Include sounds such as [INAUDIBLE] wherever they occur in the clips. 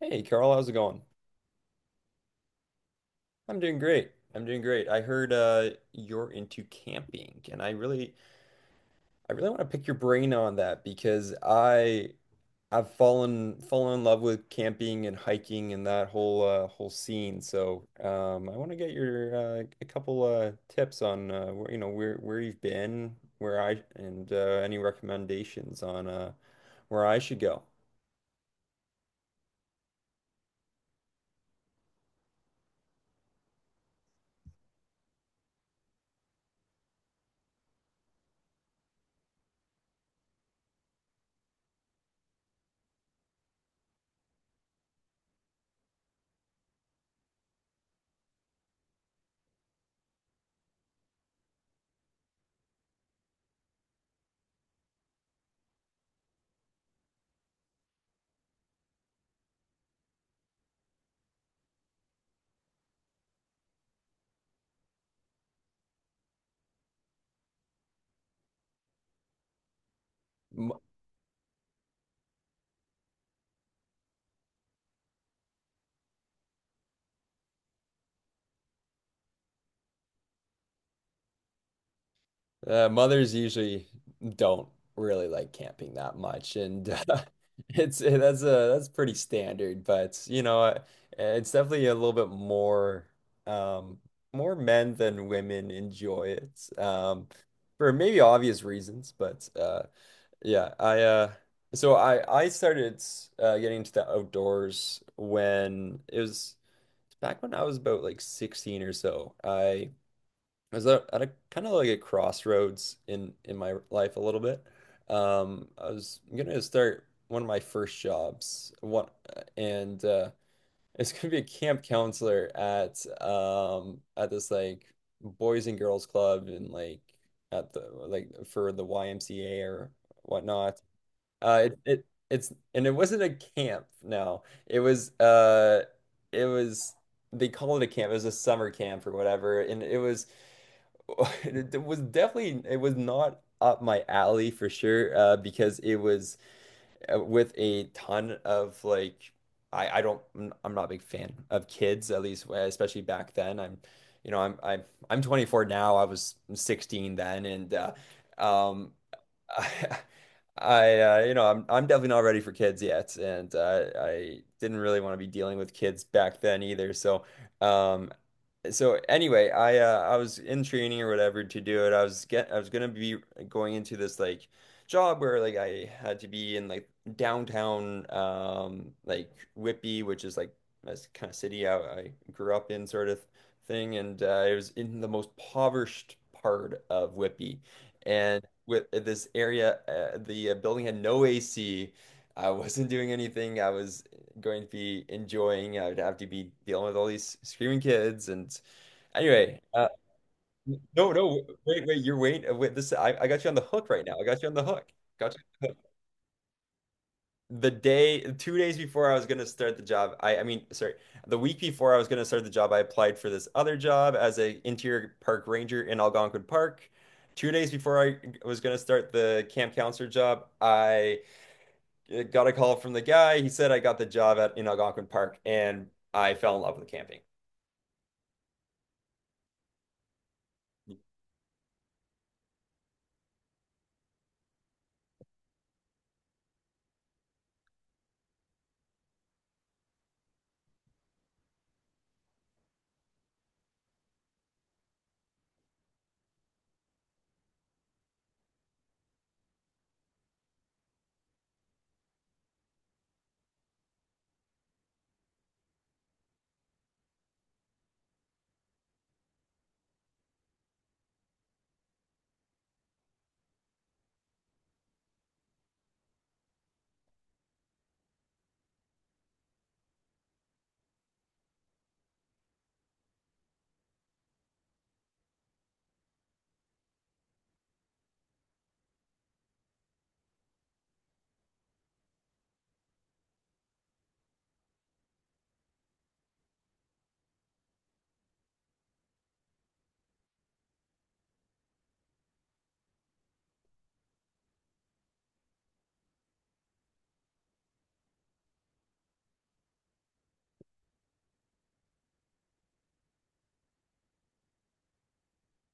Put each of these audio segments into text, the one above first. Hey Carl, how's it going? I'm doing great. I'm doing great. I heard you're into camping and I really want to pick your brain on that because I've fallen in love with camping and hiking and that whole scene. So, I want to get your a couple tips on where, where you've been, where I and any recommendations on where I should go. Mothers usually don't really like camping that much, and [LAUGHS] that's pretty standard. But it's definitely a little bit more um, more men than women enjoy it for maybe obvious reasons. But yeah, I so I started getting into the outdoors when it was back when I was about like 16 or so. I was at a kind of like a crossroads in my life a little bit. I was gonna start one of my first jobs, one, and it's gonna be a camp counselor at this like boys and girls club and like at the like for the YMCA or whatnot. It, it it's and it wasn't a camp. No, it was they call it a camp. It was a summer camp or whatever, and it was. [LAUGHS] It was not up my alley for sure, because it was with a ton of like, I'm not a big fan of kids, at least, especially back then. I'm, you know, I'm 24 now. I was 16 then. And, um, [LAUGHS] I, I, you know, I'm definitely not ready for kids yet. And, I didn't really want to be dealing with kids back then either. Um, so anyway, I was in training or whatever to do it. I was gonna be going into this like job where like I had to be in like downtown like Whitby, which is like this kind of city I grew up in sort of thing, and it was in the most impoverished part of Whitby, and with this area, the building had no AC. I wasn't doing anything. I was going to be enjoying. I would have to be dealing with all these screaming kids and anyway, no, no, wait, wait, wait. This I got you on the hook right now. I got you on the hook. Got you on the hook. 2 days before I was gonna start the job, I mean, sorry, the week before I was gonna start the job, I applied for this other job as a interior park ranger in Algonquin Park. 2 days before I was gonna start the camp counselor job, I got a call from the guy. He said I got the job at in Algonquin Park, and I fell in love with camping. It's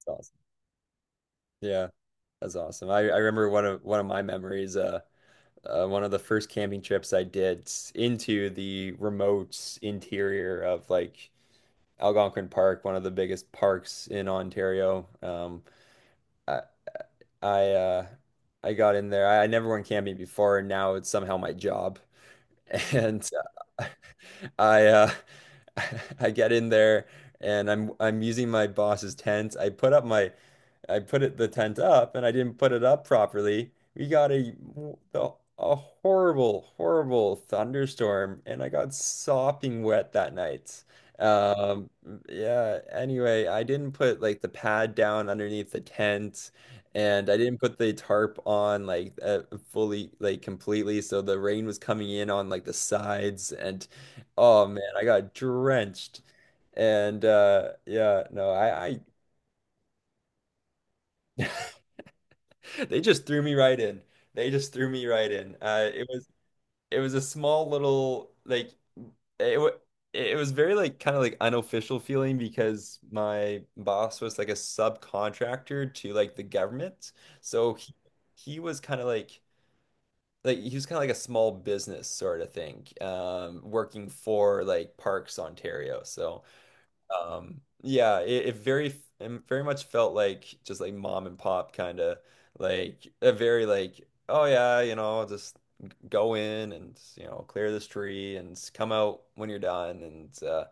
awesome. Yeah, that's awesome. I remember one of my memories. One of the first camping trips I did into the remote interior of like Algonquin Park, one of the biggest parks in Ontario. I I uh, I got in there. I never went camping before, and now it's somehow my job. [LAUGHS] And uh, I [LAUGHS] I get in there, and I'm using my boss's tent. I put it the tent up and I didn't put it up properly. We got a horrible, horrible thunderstorm and I got sopping wet that night. Um, yeah, anyway, I didn't put like the pad down underneath the tent and I didn't put the tarp on like fully like completely so the rain was coming in on like the sides and oh man, I got drenched. And yeah, no, I [LAUGHS] They just threw me right in. They just threw me right in. It was a small little like it wa- it was very like kind of like unofficial feeling because my boss was like a subcontractor to like the government. So he was kind of like he was kind of like a small business sort of thing, working for like Parks Ontario. So. Yeah, it very much felt like just like mom and pop kind of like a very like oh yeah, just go in and clear this tree and come out when you're done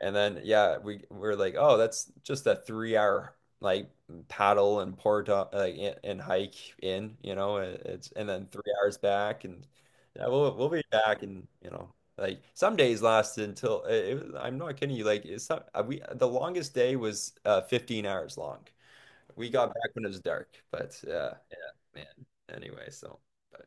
and then yeah, we're like, oh, that's just that 3 hour like paddle and port like and hike in, it's and then 3 hours back, and yeah, we'll be back, and like some days lasted until it was, I'm not kidding you, like it's not we the longest day was 15 hours long. We got back when it was dark, but yeah, man. Anyway, so but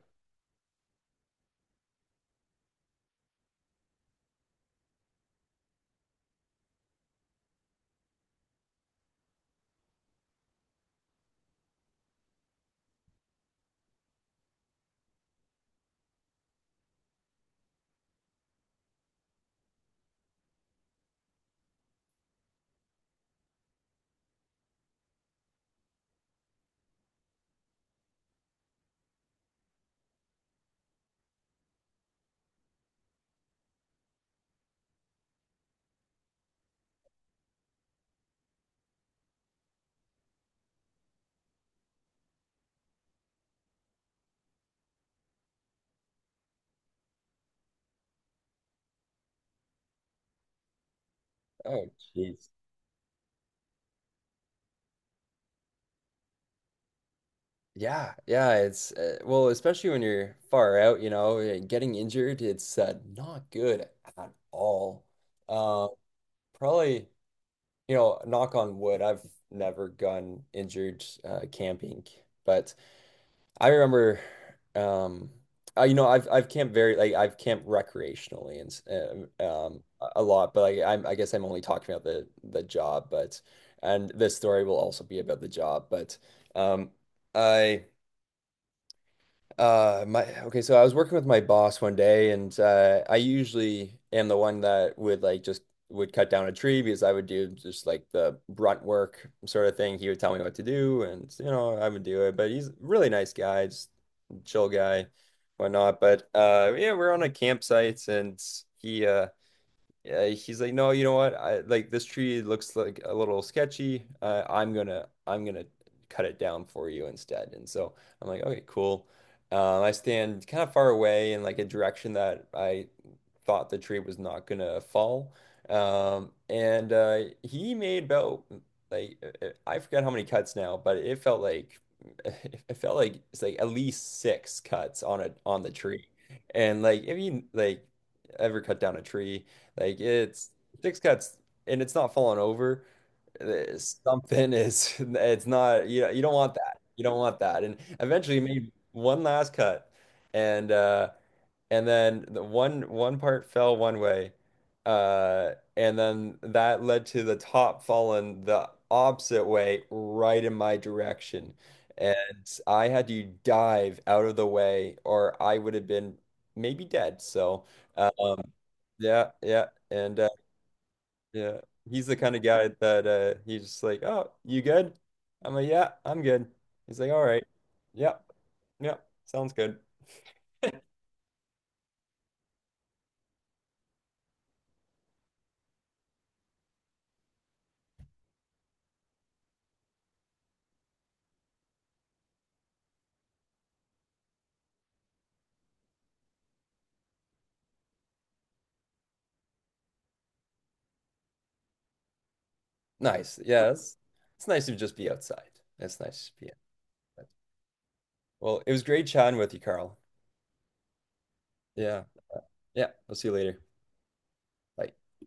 oh, jeez. Yeah, yeah, it's well, especially when you're far out, you know, getting injured, it's not good at all. Uh, Probably, you know, knock on wood, I've never gotten injured camping, but I remember, um, I've camped very like I've camped recreationally and a lot, but like I guess I'm only talking about the job, but and this story will also be about the job, but um I. My okay, so I was working with my boss one day, and I usually am the one that would like just would cut down a tree because I would do just like the brunt work sort of thing. He would tell me what to do, and you know I would do it. But he's a really nice guy, just chill guy, whatnot. But yeah, we're on a campsite, and he uh, he's like, no, you know what? I Like this tree looks like a little sketchy. I'm gonna cut it down for you instead. And so I'm like, okay, cool. I stand kind of far away in like a direction that I thought the tree was not gonna fall. And he made about like I forget how many cuts now, but it felt like [LAUGHS] it felt like it's like at least six cuts on the tree. And like if you like ever cut down a tree, like it's six cuts and it's not falling over. uh, Something is [LAUGHS] it's not. You don't want that. You don't want that. And eventually he made one last cut and uh and then the one part fell one way, and then that led to the top falling the opposite way, right in my direction. And I had to dive out of the way, or I would have been maybe dead. Um, yeah, yeah, and yeah, he's the kind of guy that he's just like, "Oh, you good?" I'm like, "Yeah, I'm good." He's like, "All right, yeah, yeah, sounds good." Nice. Yes, it's nice to just be outside. It's nice to be outside. Well, it was great chatting with you, Carl. Yeah. Yeah. I'll see you later. Bye.